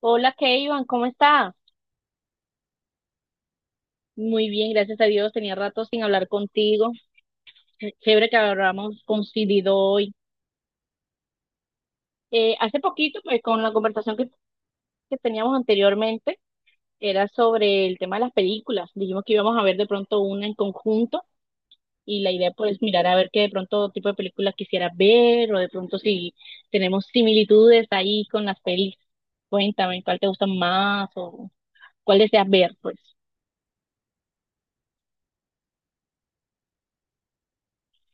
Hola, Keivan, ¿cómo está? Muy bien, gracias a Dios. Tenía rato sin hablar contigo. Qué chévere que hablamos coincidido hoy. Hace poquito, pues con la conversación que teníamos anteriormente, era sobre el tema de las películas. Dijimos que íbamos a ver de pronto una en conjunto y la idea pues mirar a ver qué de pronto tipo de películas quisieras ver o de pronto si tenemos similitudes ahí con las pelis. Cuéntame, ¿cuál te gusta más o cuál deseas ver, pues?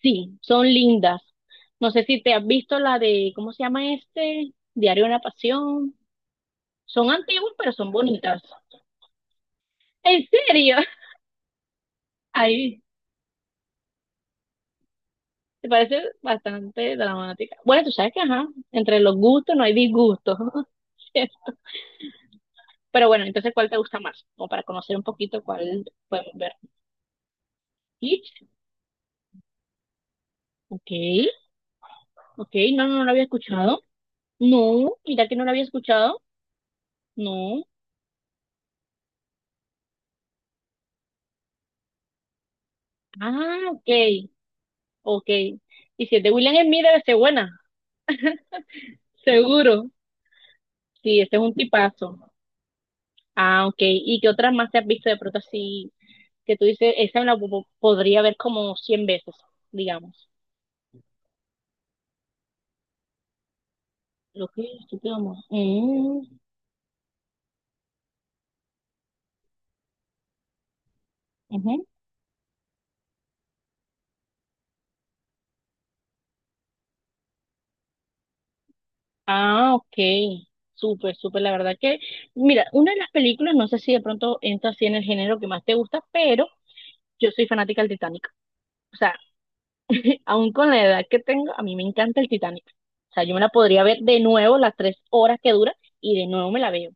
Sí, son lindas. No sé si te has visto la de, ¿cómo se llama este? Diario de una Pasión. Son antiguas, pero son bonitas. ¿En serio? Ahí, te parece bastante dramática. Bueno, tú sabes que, ajá, entre los gustos no hay disgustos. Pero bueno, entonces, ¿cuál te gusta más? Como para conocer un poquito cuál podemos ver. Hitch, ok, ok, no, no, no lo había escuchado. No, mira que no lo había escuchado. No. Ah, ok, ok. Y si es de William Smith, debe ser buena. Seguro, sí, ese es un tipazo. Ah, ok. ¿Y qué otras más te has visto de pronto así que tú dices, esa me la podría ver como 100 veces, digamos? Lo que digamos. Mm, ujú. Ah, ok. Súper, súper. La verdad que, mira, una de las películas, no sé si de pronto entra así en el género que más te gusta, pero yo soy fanática del Titanic. O sea, aún con la edad que tengo, a mí me encanta el Titanic. O sea, yo me la podría ver de nuevo las 3 horas que dura y de nuevo me la veo.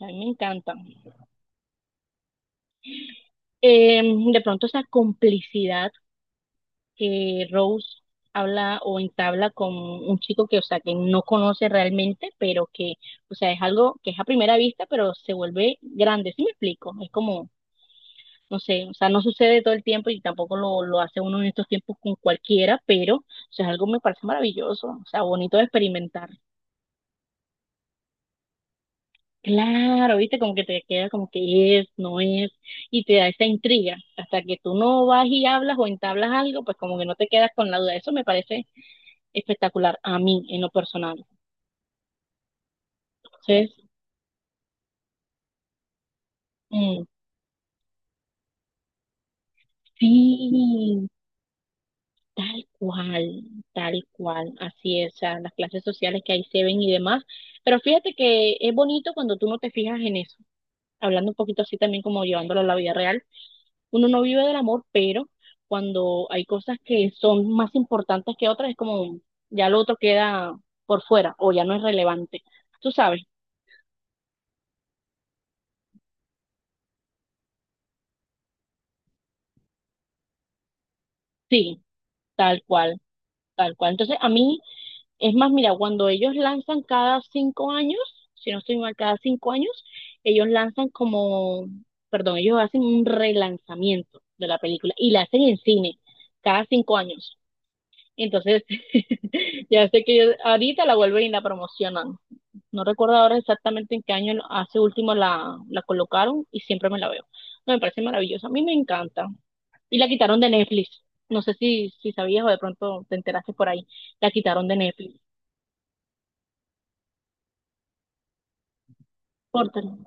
A mí me encanta. Eh, de pronto esa complicidad que Rose habla o entabla con un chico que, o sea, que no conoce realmente, pero que, o sea, es algo que es a primera vista, pero se vuelve grande, ¿sí me explico? Es como, no sé, o sea, no sucede todo el tiempo y tampoco lo hace uno en estos tiempos con cualquiera, pero, o sea, es algo que me parece maravilloso, o sea, bonito de experimentar. Claro, viste, como que te queda como que es, no es, y te da esa intriga. Hasta que tú no vas y hablas o entablas algo, pues como que no te quedas con la duda. Eso me parece espectacular a mí, en lo personal. Entonces, mm, sí, tal cual, tal cual, así es. O sea, las clases sociales que ahí se ven y demás. Pero fíjate que es bonito cuando tú no te fijas en eso. Hablando un poquito así también como llevándolo a la vida real, uno no vive del amor, pero cuando hay cosas que son más importantes que otras, es como ya lo otro queda por fuera o ya no es relevante. Tú sabes, sí, tal cual, tal cual. Entonces, a mí es más, mira, cuando ellos lanzan cada 5 años, si no estoy mal, cada 5 años, ellos lanzan como, perdón, ellos hacen un relanzamiento de la película y la hacen en cine cada 5 años. Entonces, ya sé que ellos ahorita la vuelven y la promocionan. No recuerdo ahora exactamente en qué año hace último la colocaron y siempre me la veo. No, me parece maravillosa. A mí me encanta. Y la quitaron de Netflix. No sé si sabías o de pronto te enteraste por ahí. La quitaron de Netflix. Portal.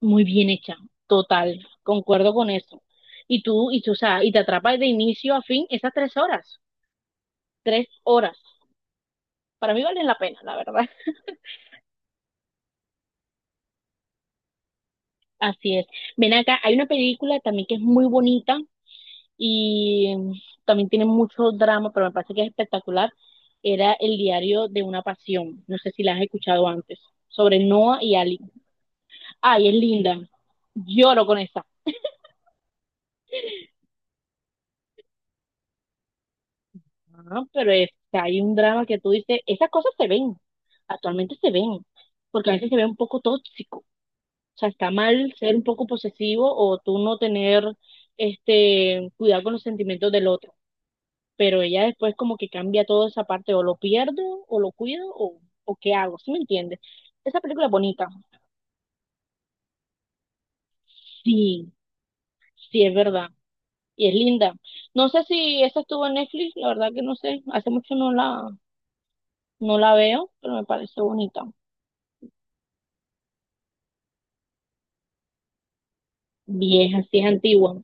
Muy bien hecha. Total. Concuerdo con eso. Y tú, o sea, y te atrapas de inicio a fin esas 3 horas. 3 horas. Para mí valen la pena, la verdad. Así es. Ven acá, hay una película también que es muy bonita, y también tiene mucho drama, pero me parece que es espectacular. Era El Diario de una Pasión. No sé si la has escuchado antes. Sobre Noah y Ali. Ay, es linda. Lloro con esa. Ah, pero es que hay un drama que tú dices, esas cosas se ven. Actualmente se ven. Porque a veces se ve un poco tóxico. O sea, está mal ser un poco posesivo o tú no tener este cuidado con los sentimientos del otro. Pero ella después como que cambia toda esa parte, o lo pierdo, o lo cuido, o qué hago, ¿sí me entiendes? Esa película es bonita, sí, sí es verdad, y es linda. No sé si esa estuvo en Netflix, la verdad que no sé, hace mucho no la, no la veo, pero me parece bonita, vieja, sí es antigua.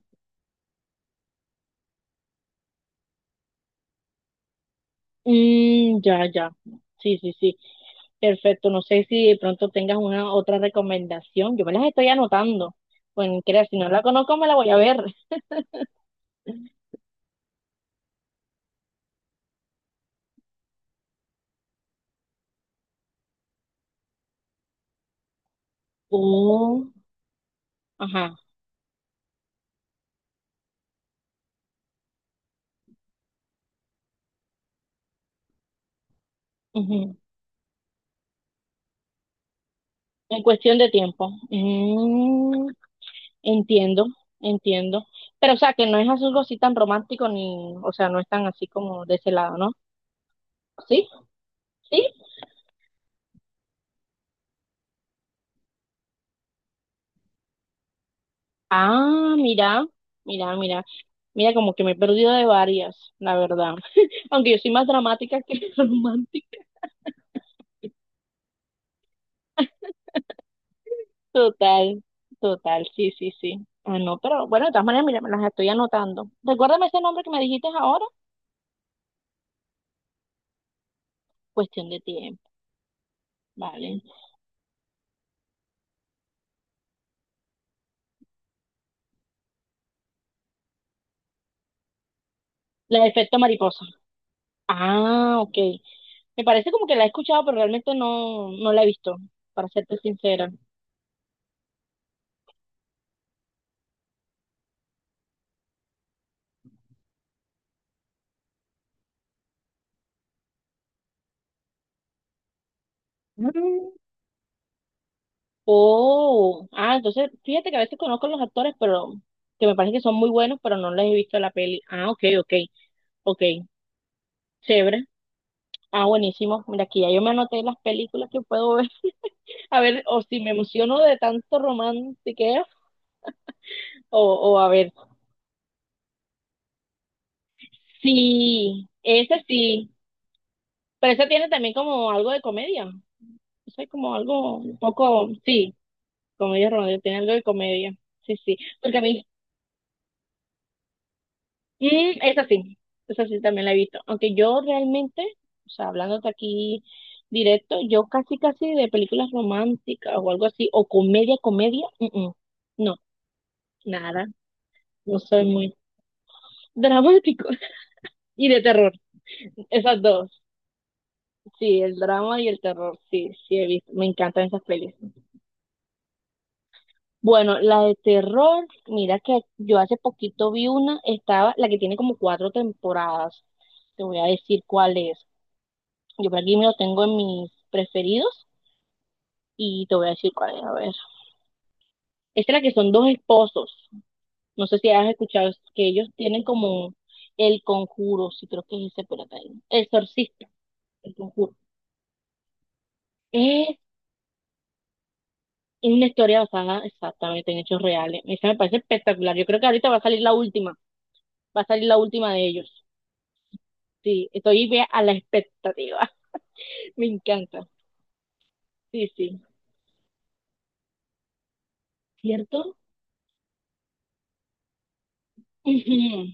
Mm, ya, ya, sí, sí, sí, perfecto, no sé si de pronto tengas una otra recomendación, yo me las estoy anotando, pues creas si no la conozco me la voy a ver. Oh, ajá. Ujú. En cuestión de tiempo. Entiendo, entiendo. Pero, o sea, que no es algo así tan romántico ni, o sea, no es tan así como de ese lado, ¿no? Sí, sí. Ah, mira, mira, mira. Mira, como que me he perdido de varias, la verdad. Aunque yo soy más dramática que romántica. Total, total, sí, sí, sí. Ah, no, pero bueno, de todas maneras, mira, me las estoy anotando. Recuérdame ese nombre que me dijiste ahora. Cuestión de tiempo, ¿vale? La de efecto mariposa. Ah, ok. Me parece como que la he escuchado, pero realmente no, no la he visto, para serte sincera. Mm, oh, ah, entonces fíjate que a veces conozco a los actores, pero que me parece que son muy buenos, pero no les he visto la peli. Ah, ok, ok, ok, chévere. Ah, buenísimo. Mira, aquí ya yo me anoté las películas que puedo ver. A ver, o si me emociono de tanto romantiqueo, o, a ver, sí, ese sí, pero ese tiene también como algo de comedia. Eso es como algo un poco, sí, comedia romántica, tiene algo de comedia. Sí, sí. Porque a mí, mm, esa sí, esa sí también la he visto. Aunque yo realmente, o sea, hablándote aquí directo, yo casi, casi de películas románticas o algo así, o comedia, comedia, no, nada. No soy muy dramático. Y de terror, esas dos. Sí, el drama y el terror, sí, sí he visto. Me encantan esas pelis. Bueno, la de terror, mira que yo hace poquito vi una, estaba, la que tiene como cuatro temporadas. Te voy a decir cuál es. Yo por aquí me lo tengo en mis preferidos y te voy a decir cuál es. A ver. Esta es la que son dos esposos. No sé si has escuchado es que ellos tienen como El Conjuro, sí creo que es ese, pero el exorcista, El Conjuro. Es una historia basada exactamente en hechos reales. Esa me parece espectacular. Yo creo que ahorita va a salir la última, va a salir la última de ellos. Sí, estoy bien a la expectativa. Me encanta. Sí, sí. ¿Cierto? Ujú.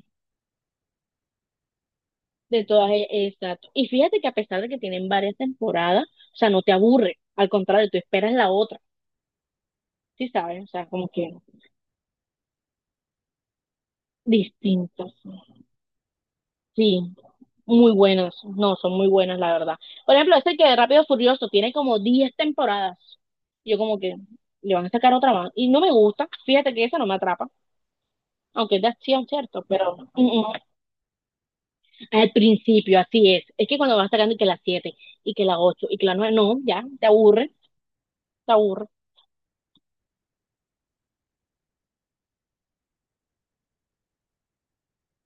De todas, exacto. Y fíjate que a pesar de que tienen varias temporadas, o sea, no te aburre. Al contrario, tú esperas la otra. Sí, sabes, o sea, como que distintos. Sí, muy buenas. No, son muy buenas, la verdad. Por ejemplo, este que de Rápido y Furioso tiene como 10 temporadas. Yo como que le van a sacar otra más. Y no me gusta. Fíjate que esa no me atrapa. Aunque es de acción, ¿cierto? Pero. Al principio, así es. Es que cuando vas sacando y que las 7 y que las 8 y que las 9 no, ya, te aburre, te aburre.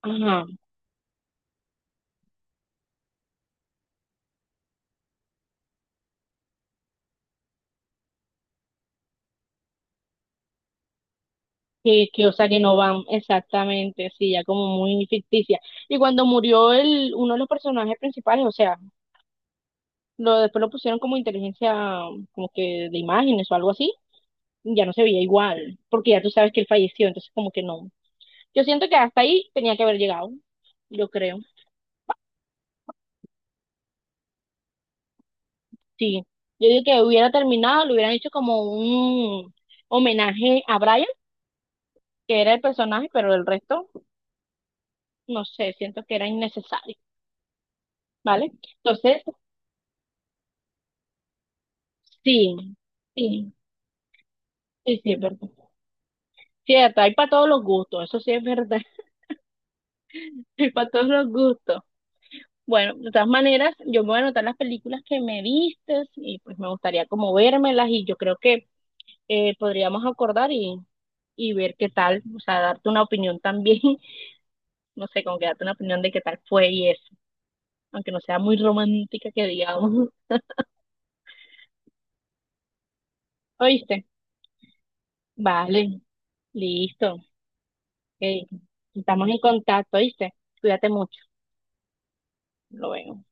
Ajá, que, o sea, que no van exactamente, sí, ya como muy ficticia. Y cuando murió uno de los personajes principales, o sea, después lo pusieron como inteligencia, como que de imágenes o algo así, ya no se veía igual, porque ya tú sabes que él falleció, entonces como que no. Yo siento que hasta ahí tenía que haber llegado, yo creo. Sí, yo digo que hubiera terminado, le hubieran hecho como un homenaje a Brian, que era el personaje, pero el resto, no sé, siento que era innecesario, ¿vale? Entonces, sí, sí, sí, sí, es verdad. Cierto, hay para todos los gustos, eso sí es verdad, hay para todos los gustos. Bueno, de todas maneras, yo me voy a anotar las películas que me vistes y pues me gustaría como vérmelas y yo creo que podríamos acordar y ver qué tal, o sea, darte una opinión también. No sé, como que darte una opinión de qué tal fue y eso, aunque no sea muy romántica que digamos. ¿Oíste? Vale, listo. Ok. Estamos en contacto, ¿oíste? Cuídate mucho. Lo veo.